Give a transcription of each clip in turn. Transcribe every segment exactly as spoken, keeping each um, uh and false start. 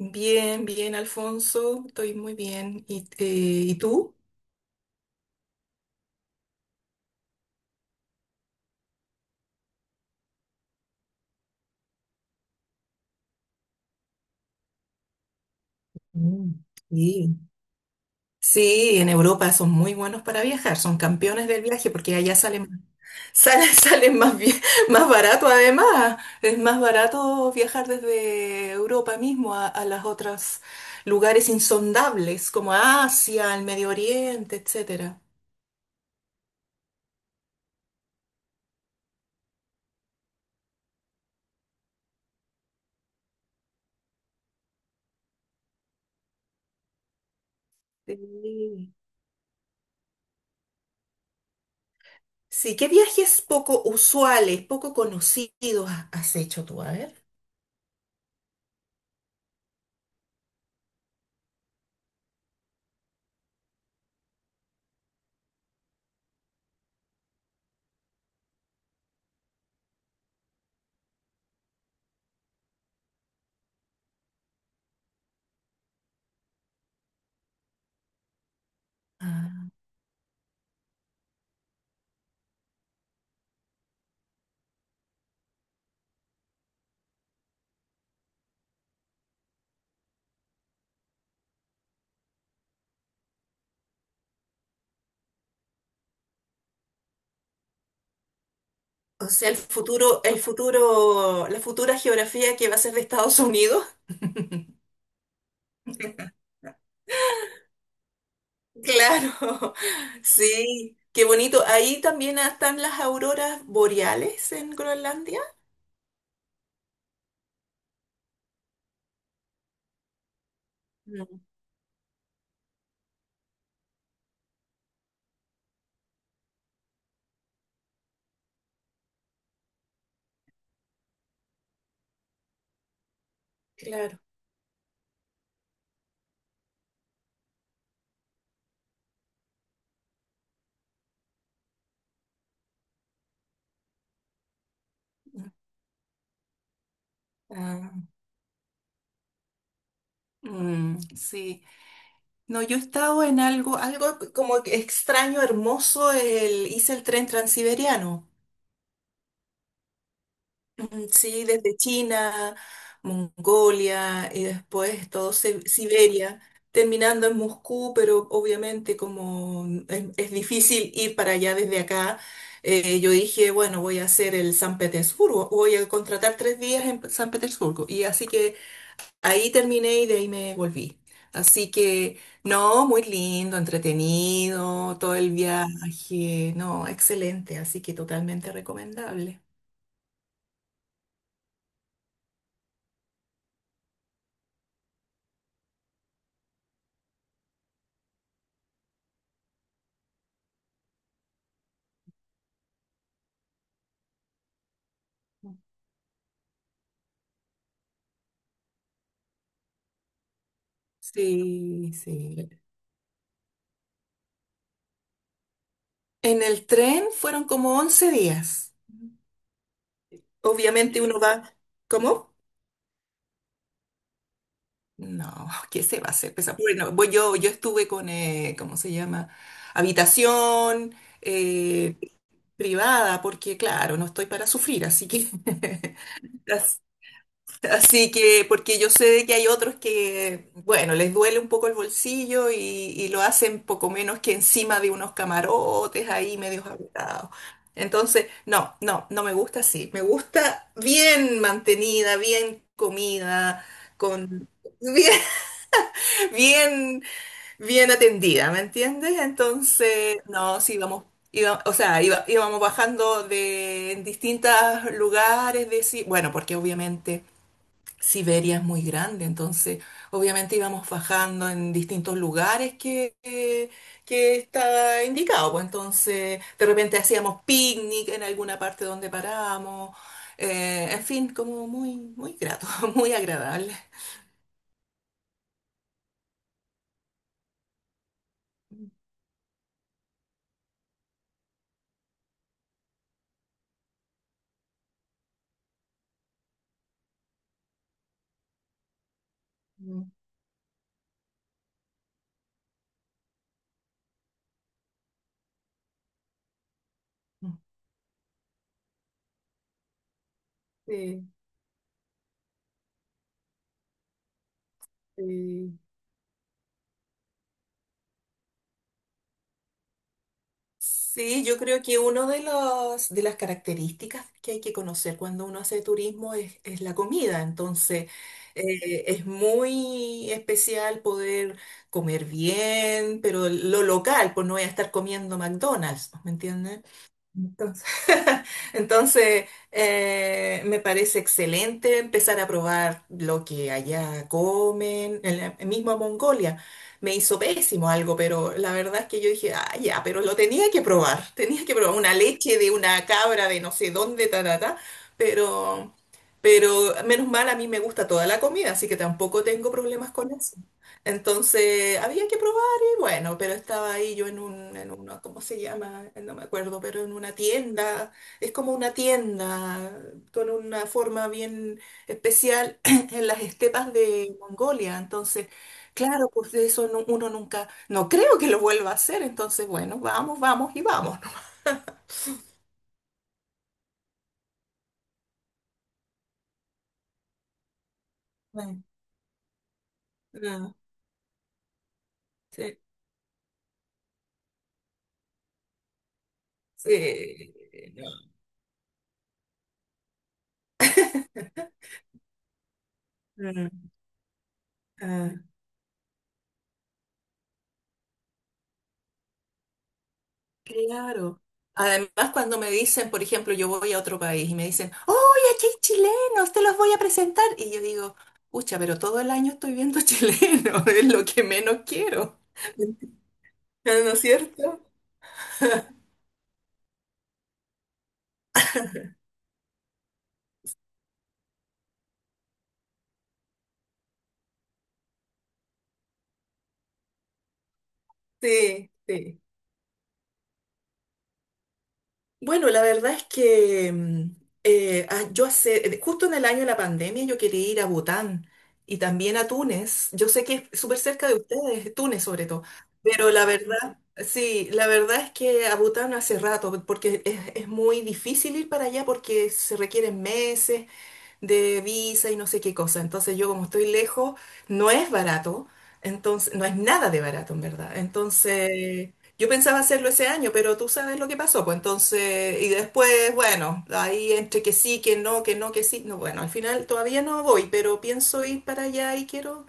Bien, bien, Alfonso, estoy muy bien. ¿Y, eh, y tú? Mm, sí. Sí, en Europa son muy buenos para viajar, son campeones del viaje porque allá salen, salen, salen más, bien- más barato además. Es más barato viajar desde Europa mismo a, a las otras lugares insondables como Asia, el Medio Oriente, etcétera. Sí. Sí, ¿qué viajes poco usuales, poco conocidos ha- has hecho tú? A ver. O sea, el futuro, el futuro, la futura geografía que va a ser de Estados Unidos. Claro, sí, qué bonito. Ahí también están las auroras boreales en Groenlandia. Mm, claro. Ah, mm, sí. No, yo he estado en algo, algo como que extraño, hermoso. El- hice el tren transiberiano. Mm, sí, desde China, Mongolia y después todo Si- Siberia, terminando en Moscú, pero obviamente como es, es difícil ir para allá desde acá, eh, yo dije, bueno, voy a hacer el San Petersburgo, voy a contratar tres días en San Petersburgo. Y así que ahí terminé y de ahí me volví. Así que no, muy lindo, entretenido, todo el viaje, no, excelente, así que totalmente recomendable. Sí, sí. En el tren fueron como once días. Obviamente uno va, ¿cómo? No, ¿qué se va a hacer? Pues, bueno, voy yo, yo estuve con, eh, ¿cómo se llama? Habitación eh, privada, porque claro, no estoy para sufrir, así que así. Así que, porque yo sé de que hay otros que, bueno, les duele un poco el bolsillo y, y lo hacen poco menos que encima de unos camarotes ahí medios apretados. Entonces, no, no, no me gusta así. Me gusta bien mantenida, bien comida, con bien, bien, bien atendida, ¿me entiendes? Entonces, no, sí, vamos. Iba- o sea, iba- íbamos bajando de en distintos lugares, de, sí- bueno, porque obviamente Siberia es muy grande, entonces obviamente íbamos bajando en distintos lugares que, que, que estaba indicado, pues entonces de repente hacíamos picnic en alguna parte donde parábamos, eh, en fin, como muy, muy grato, muy agradable. Mm, sí, sí. Sí, yo creo que una de los, de las características que hay que conocer cuando uno hace turismo es, es la comida. Entonces, eh, es muy especial poder comer bien, pero lo local, pues no voy a estar comiendo McDonald's, ¿me entiendes? Entonces, entonces, eh, me parece excelente empezar a probar lo que allá comen, en la misma Mongolia. Me hizo pésimo algo, pero la verdad es que yo dije, ah, ya, pero lo tenía que probar, tenía que probar una leche de una cabra de no sé dónde, ta, ta, ta, pero, pero menos mal, a mí me gusta toda la comida, así que tampoco tengo problemas con eso. Entonces, había que probar. Bueno, pero estaba ahí yo en un, en una, ¿cómo se llama? No me acuerdo, pero en una tienda, es como una tienda con una forma bien especial en las estepas de Mongolia. Entonces, claro, pues de eso no- uno nunca, no creo que lo vuelva a hacer. Entonces, bueno, vamos, vamos y vamos. Bueno, ah, sí, sí, no. Mm, ah. Claro. Además, cuando me dicen, por ejemplo, yo voy a otro país y me dicen, "¡Oye, aquí hay chilenos! Te los voy a presentar." Y yo digo, pucha, pero todo el año estoy viendo chilenos, es lo que menos quiero. ¿No es cierto? Sí, sí. Bueno, la verdad es que mm, eh, ah, yo hace, eh, justo en el año de la pandemia yo quería ir a Bután y también a Túnez. Yo sé que es súper cerca de ustedes, Túnez sobre todo, pero la verdad, sí, la verdad es que a Bután hace rato, porque es, es muy difícil ir para allá porque se requieren meses de visa y no sé qué cosa. Entonces yo como estoy lejos, no es barato, entonces no es nada de barato en verdad. Entonces yo pensaba hacerlo ese año, pero tú sabes lo que pasó, pues entonces, y después, bueno, ahí entre que sí, que no, que no, que sí, no, bueno, al final todavía no voy, pero pienso ir para allá y quiero,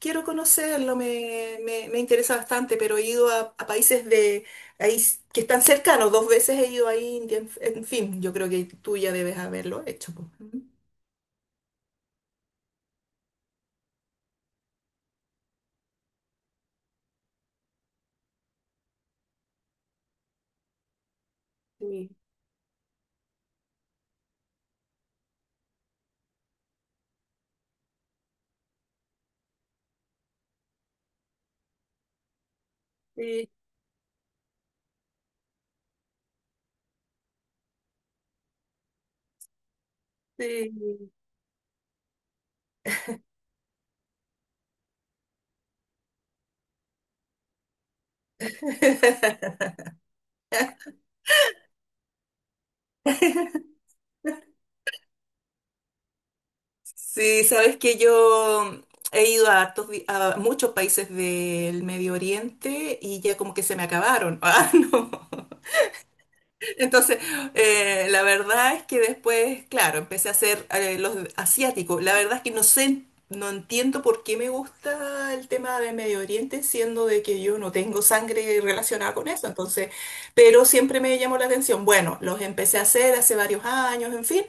quiero conocerlo, me, me, me interesa bastante, pero he ido a, a países de... Ahí, s- que están cercanos, dos veces he ido a India, en, en fin, yo creo que tú ya debes haberlo hecho, pues. Sí, sí. Sí, sabes que yo he ido a, hartos vi- a muchos países del Medio Oriente y ya como que se me acabaron. Ah, no. Entonces, eh, la verdad es que después, claro, empecé a hacer eh, los asiáticos. La verdad es que no sé, no entiendo por qué me gusta el tema de Medio Oriente, siendo de que yo no tengo sangre relacionada con eso. Entonces, pero siempre me llamó la atención. Bueno, los empecé a hacer hace varios años, en fin.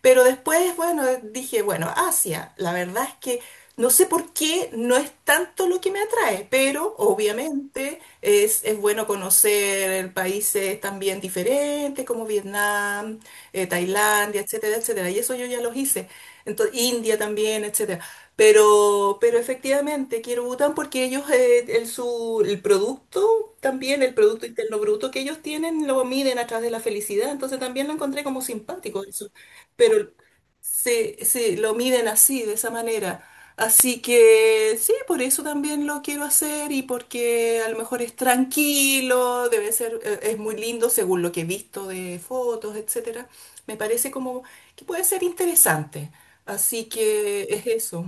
Pero después, bueno, dije, bueno, Asia, la verdad es que no sé por qué no es tanto lo que me atrae, pero obviamente es, es bueno conocer países también diferentes como Vietnam, eh, Tailandia, etcétera, etcétera. Y eso yo ya los hice. Entonces, India también, etcétera. Pero, pero efectivamente quiero Bután porque ellos, eh, el, su, el producto también, el Producto Interno Bruto que ellos tienen, lo miden a través de la felicidad. Entonces también lo encontré como simpático eso. Pero se, se lo miden así, de esa manera. Así que sí, por eso también lo quiero hacer y porque a lo mejor es tranquilo, debe ser, eh, es muy lindo según lo que he visto de fotos, etcétera. Me parece como que puede ser interesante. Así que es eso.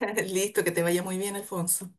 Listo, que te vaya muy bien, Alfonso.